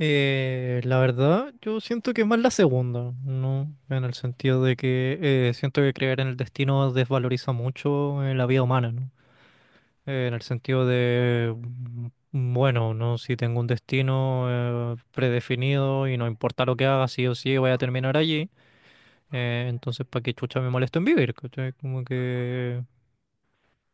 La verdad, yo siento que es más la segunda, ¿no? En el sentido de que siento que creer en el destino desvaloriza mucho, la vida humana, ¿no? En el sentido de, bueno, ¿no? Si tengo un destino predefinido y no importa lo que haga, sí o sí voy a terminar allí. Entonces, ¿para qué chucha me molesto en vivir? ¿Cachai? Como que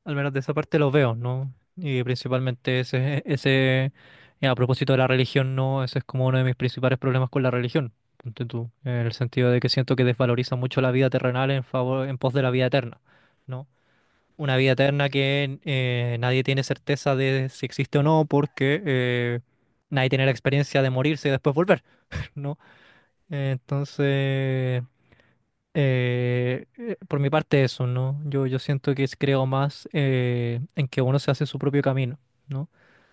al menos de esa parte los veo, ¿no? Y principalmente ese, y a propósito de la religión, ¿no? Ese es como uno de mis principales problemas con la religión, ponte tú, en el sentido de que siento que desvaloriza mucho la vida terrenal en favor, en pos de la vida eterna, ¿no? Una vida eterna que nadie tiene certeza de si existe o no, porque nadie tiene la experiencia de morirse y después volver, ¿no? Entonces, por mi parte eso, ¿no? Yo siento que creo más, en que uno se hace su propio camino, ¿no?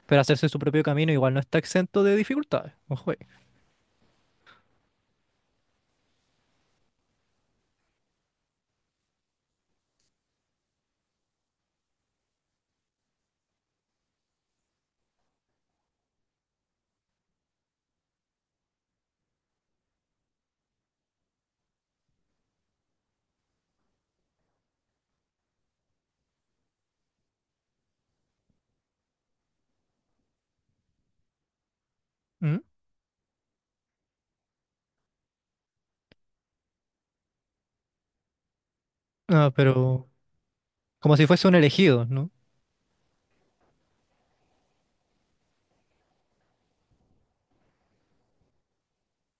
Pero hacerse su propio camino igual no está exento de dificultades, ojo ahí. ¿Mm? Ah, pero como si fuese un elegido, ¿no?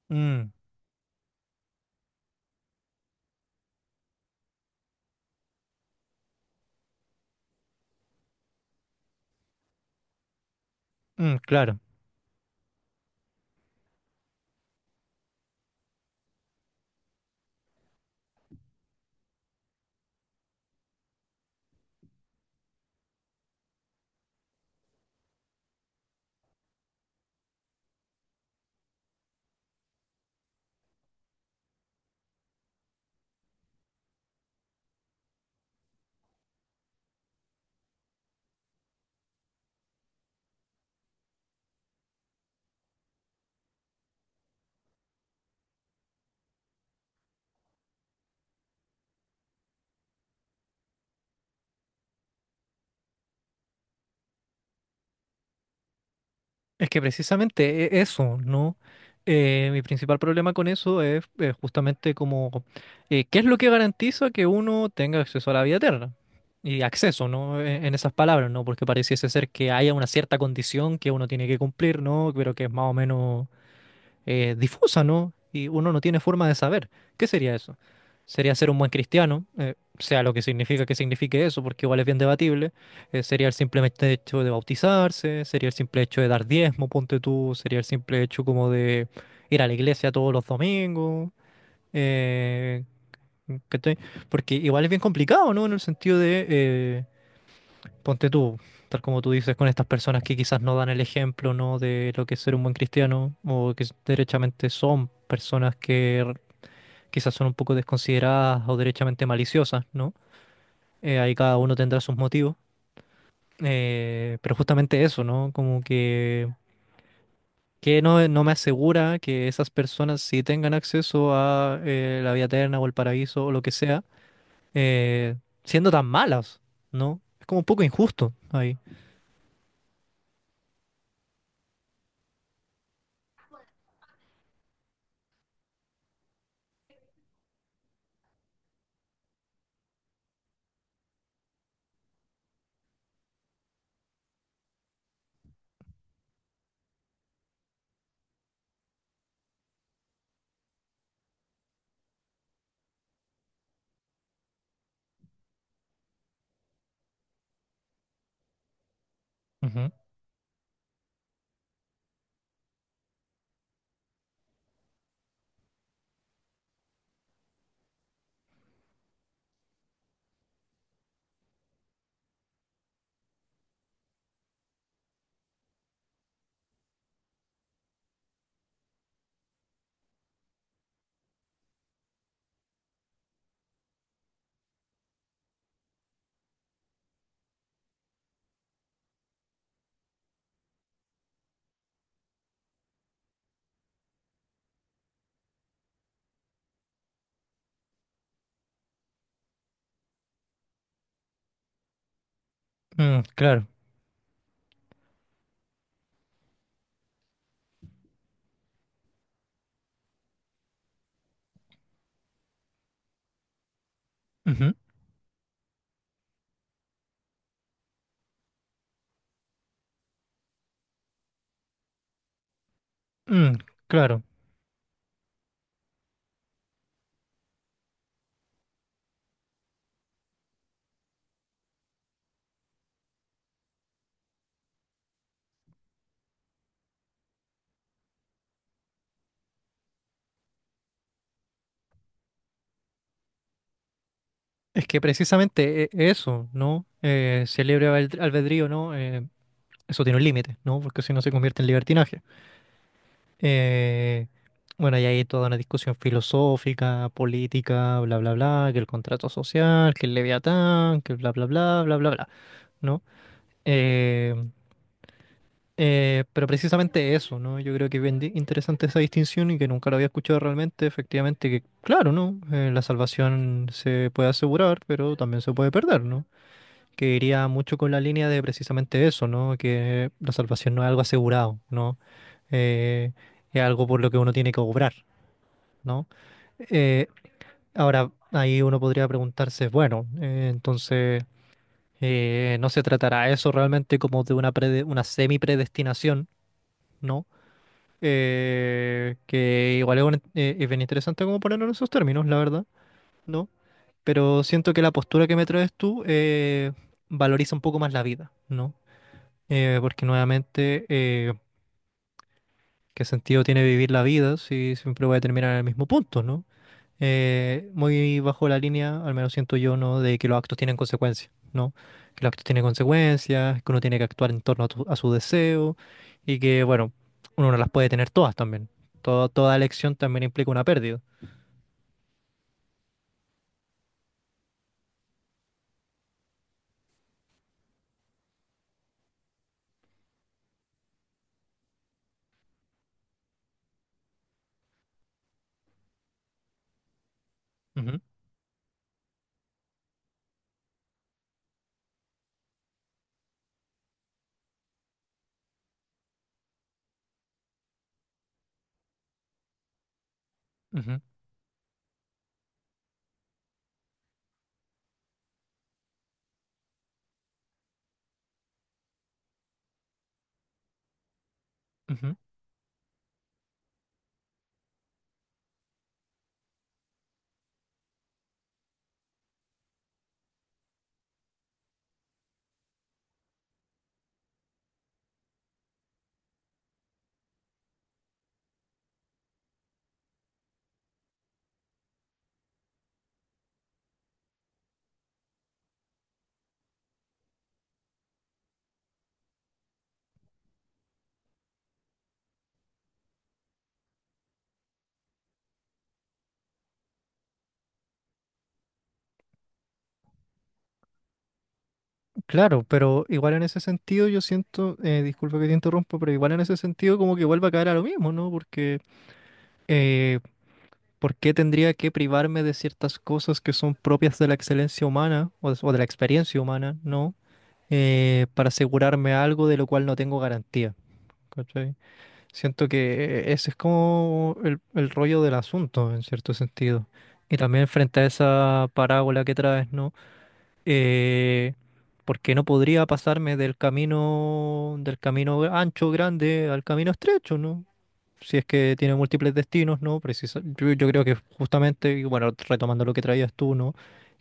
Mm. Mm, claro. Es que precisamente eso, ¿no? Mi principal problema con eso es, justamente como, ¿qué es lo que garantiza que uno tenga acceso a la vida eterna? Y acceso, ¿no? En esas palabras, ¿no? Porque pareciese ser que haya una cierta condición que uno tiene que cumplir, ¿no? Pero que es más o menos difusa, ¿no? Y uno no tiene forma de saber. ¿Qué sería eso? Sería ser un buen cristiano, sea lo que significa que signifique eso, porque igual es bien debatible. Sería el simple hecho de bautizarse, sería el simple hecho de dar diezmo, ponte tú, sería el simple hecho como de ir a la iglesia todos los domingos. eh, ¿Cachai? Porque igual es bien complicado, ¿no? En el sentido de... Ponte tú, tal como tú dices, con estas personas que quizás no dan el ejemplo, ¿no? De lo que es ser un buen cristiano, o que derechamente son personas que quizás son un poco desconsideradas o derechamente maliciosas, ¿no? Ahí cada uno tendrá sus motivos. Pero justamente eso, ¿no? Como que no, no me asegura que esas personas sí tengan acceso a la vida eterna o el paraíso o lo que sea, eh, siendo tan malas, ¿no? Es como un poco injusto ahí. Ujú. Mm, claro. Ujú. Mm, claro, es que precisamente eso, ¿no? Si el libre albedrío, ¿no? Eso tiene un límite, ¿no? Porque si no se convierte en libertinaje. Eh, bueno, y hay toda una discusión filosófica, política, bla, bla, bla, que el contrato social, que el Leviatán, que bla, bla, bla, bla, bla, bla, ¿no? Eh, pero precisamente eso, ¿no? Yo creo que es bien interesante esa distinción y que nunca lo había escuchado realmente, efectivamente, que claro, ¿no? La salvación se puede asegurar, pero también se puede perder, ¿no? Que iría mucho con la línea de precisamente eso, ¿no? Que la salvación no es algo asegurado, ¿no? Eh, es algo por lo que uno tiene que obrar, ¿no? Eh, Ahora, ahí uno podría preguntarse, bueno, entonces, ¿no se tratará eso realmente como de una, una semi-predestinación? ¿No? Que igual es, es bien interesante como ponerlo en esos términos, la verdad, ¿no? Pero siento que la postura que me traes tú, valoriza un poco más la vida, ¿no? Porque nuevamente, ¿qué sentido tiene vivir la vida si siempre voy a terminar en el mismo punto, ¿no? Muy bajo la línea, al menos siento yo, ¿no? De que los actos tienen consecuencias, ¿no? Que los actos tienen consecuencias, que uno tiene que actuar en torno a, a su deseo y que, bueno, uno no las puede tener todas también. Toda elección también implica una pérdida. Ujú, ujú, ujú. Claro, pero igual en ese sentido yo siento, disculpa que te interrumpo, pero igual en ese sentido como que vuelve a caer a lo mismo, ¿no? Porque eh, ¿por qué tendría que privarme de ciertas cosas que son propias de la excelencia humana o de la experiencia humana, ¿no? Para asegurarme algo de lo cual no tengo garantía. ¿Cachai? Siento que ese es como el rollo del asunto, en cierto sentido. Y también frente a esa parábola que traes, ¿no? eh, Porque no podría pasarme del camino ancho, grande, al camino estrecho, ¿no? Si es que tiene múltiples destinos, ¿no? Precisa, yo creo que justamente, y bueno, retomando lo que traías tú, ¿no?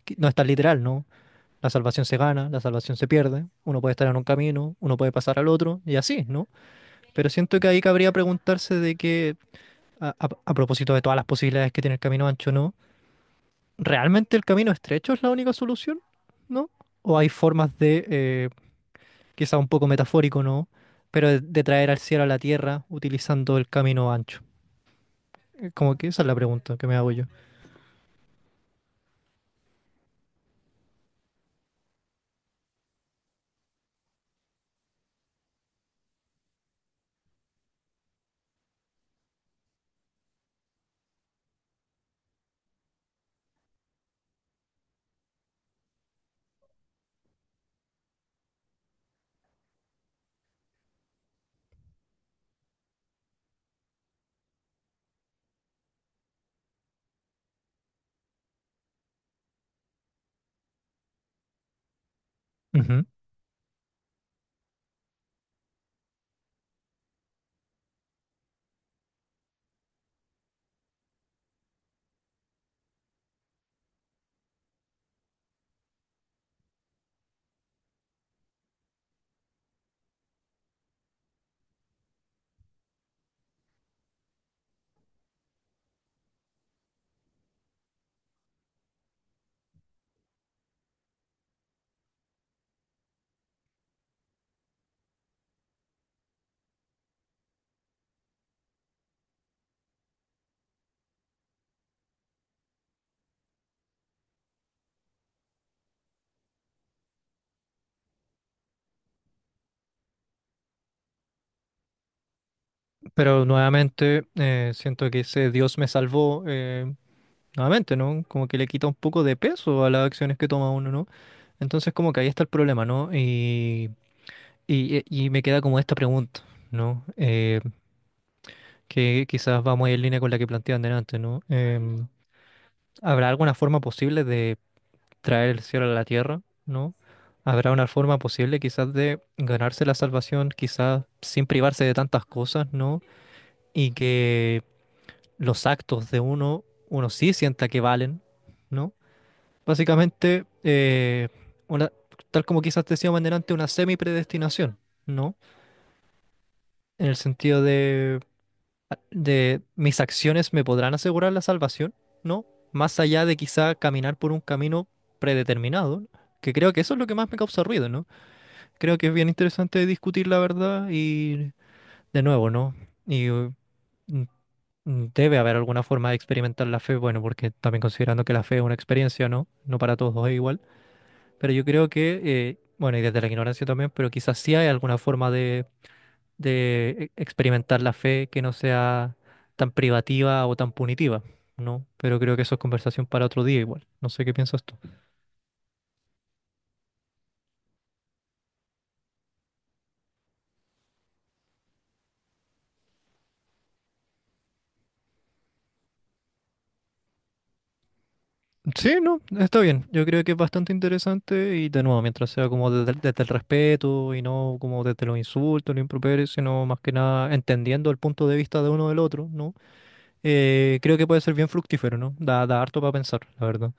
Que no es tan literal, ¿no? La salvación se gana, la salvación se pierde, uno puede estar en un camino, uno puede pasar al otro, y así, ¿no? Pero siento que ahí cabría preguntarse de que, a propósito de todas las posibilidades que tiene el camino ancho, ¿no? ¿Realmente el camino estrecho es la única solución? ¿No? ¿O hay formas de, quizá un poco metafórico, ¿no? Pero de traer al cielo a la tierra utilizando el camino ancho. Como que esa es la pregunta que me hago yo. Ujú. Pero nuevamente, siento que ese Dios me salvó, nuevamente, ¿no? Como que le quita un poco de peso a las acciones que toma uno, ¿no? Entonces como que ahí está el problema, ¿no? Y, y me queda como esta pregunta, ¿no? Que quizás va muy en línea con la que planteaban delante, ¿no? Em, ¿habrá alguna forma posible de traer el cielo a la tierra, ¿no? ¿Habrá una forma posible quizás de ganarse la salvación, quizás sin privarse de tantas cosas, ¿no? Y que los actos de uno, uno sí sienta que valen, ¿no? Básicamente, una, tal como quizás decíamos delante, una semi-predestinación, ¿no? En el sentido de mis acciones me podrán asegurar la salvación, ¿no? Más allá de quizá caminar por un camino predeterminado, ¿no? Que creo que eso es lo que más me causa ruido, ¿no? Creo que es bien interesante discutir la verdad y de nuevo, ¿no? Y mm, debe haber alguna forma de experimentar la fe, bueno, porque también considerando que la fe es una experiencia, ¿no? No para todos es igual, pero yo creo que, bueno, y desde la ignorancia también, pero quizás sí hay alguna forma de experimentar la fe que no sea tan privativa o tan punitiva, ¿no? Pero creo que eso es conversación para otro día igual. No sé qué piensas tú. Sí, no, está bien. Yo creo que es bastante interesante y de nuevo, mientras sea como desde el respeto y no como desde los insultos, los improperios, sino más que nada entendiendo el punto de vista de uno del otro, ¿no? Creo que puede ser bien fructífero, ¿no? Da, da harto para pensar, la verdad.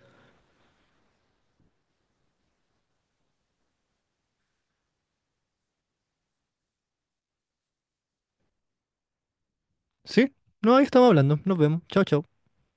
Sí, no, ahí estamos hablando. Nos vemos. Chao, chao.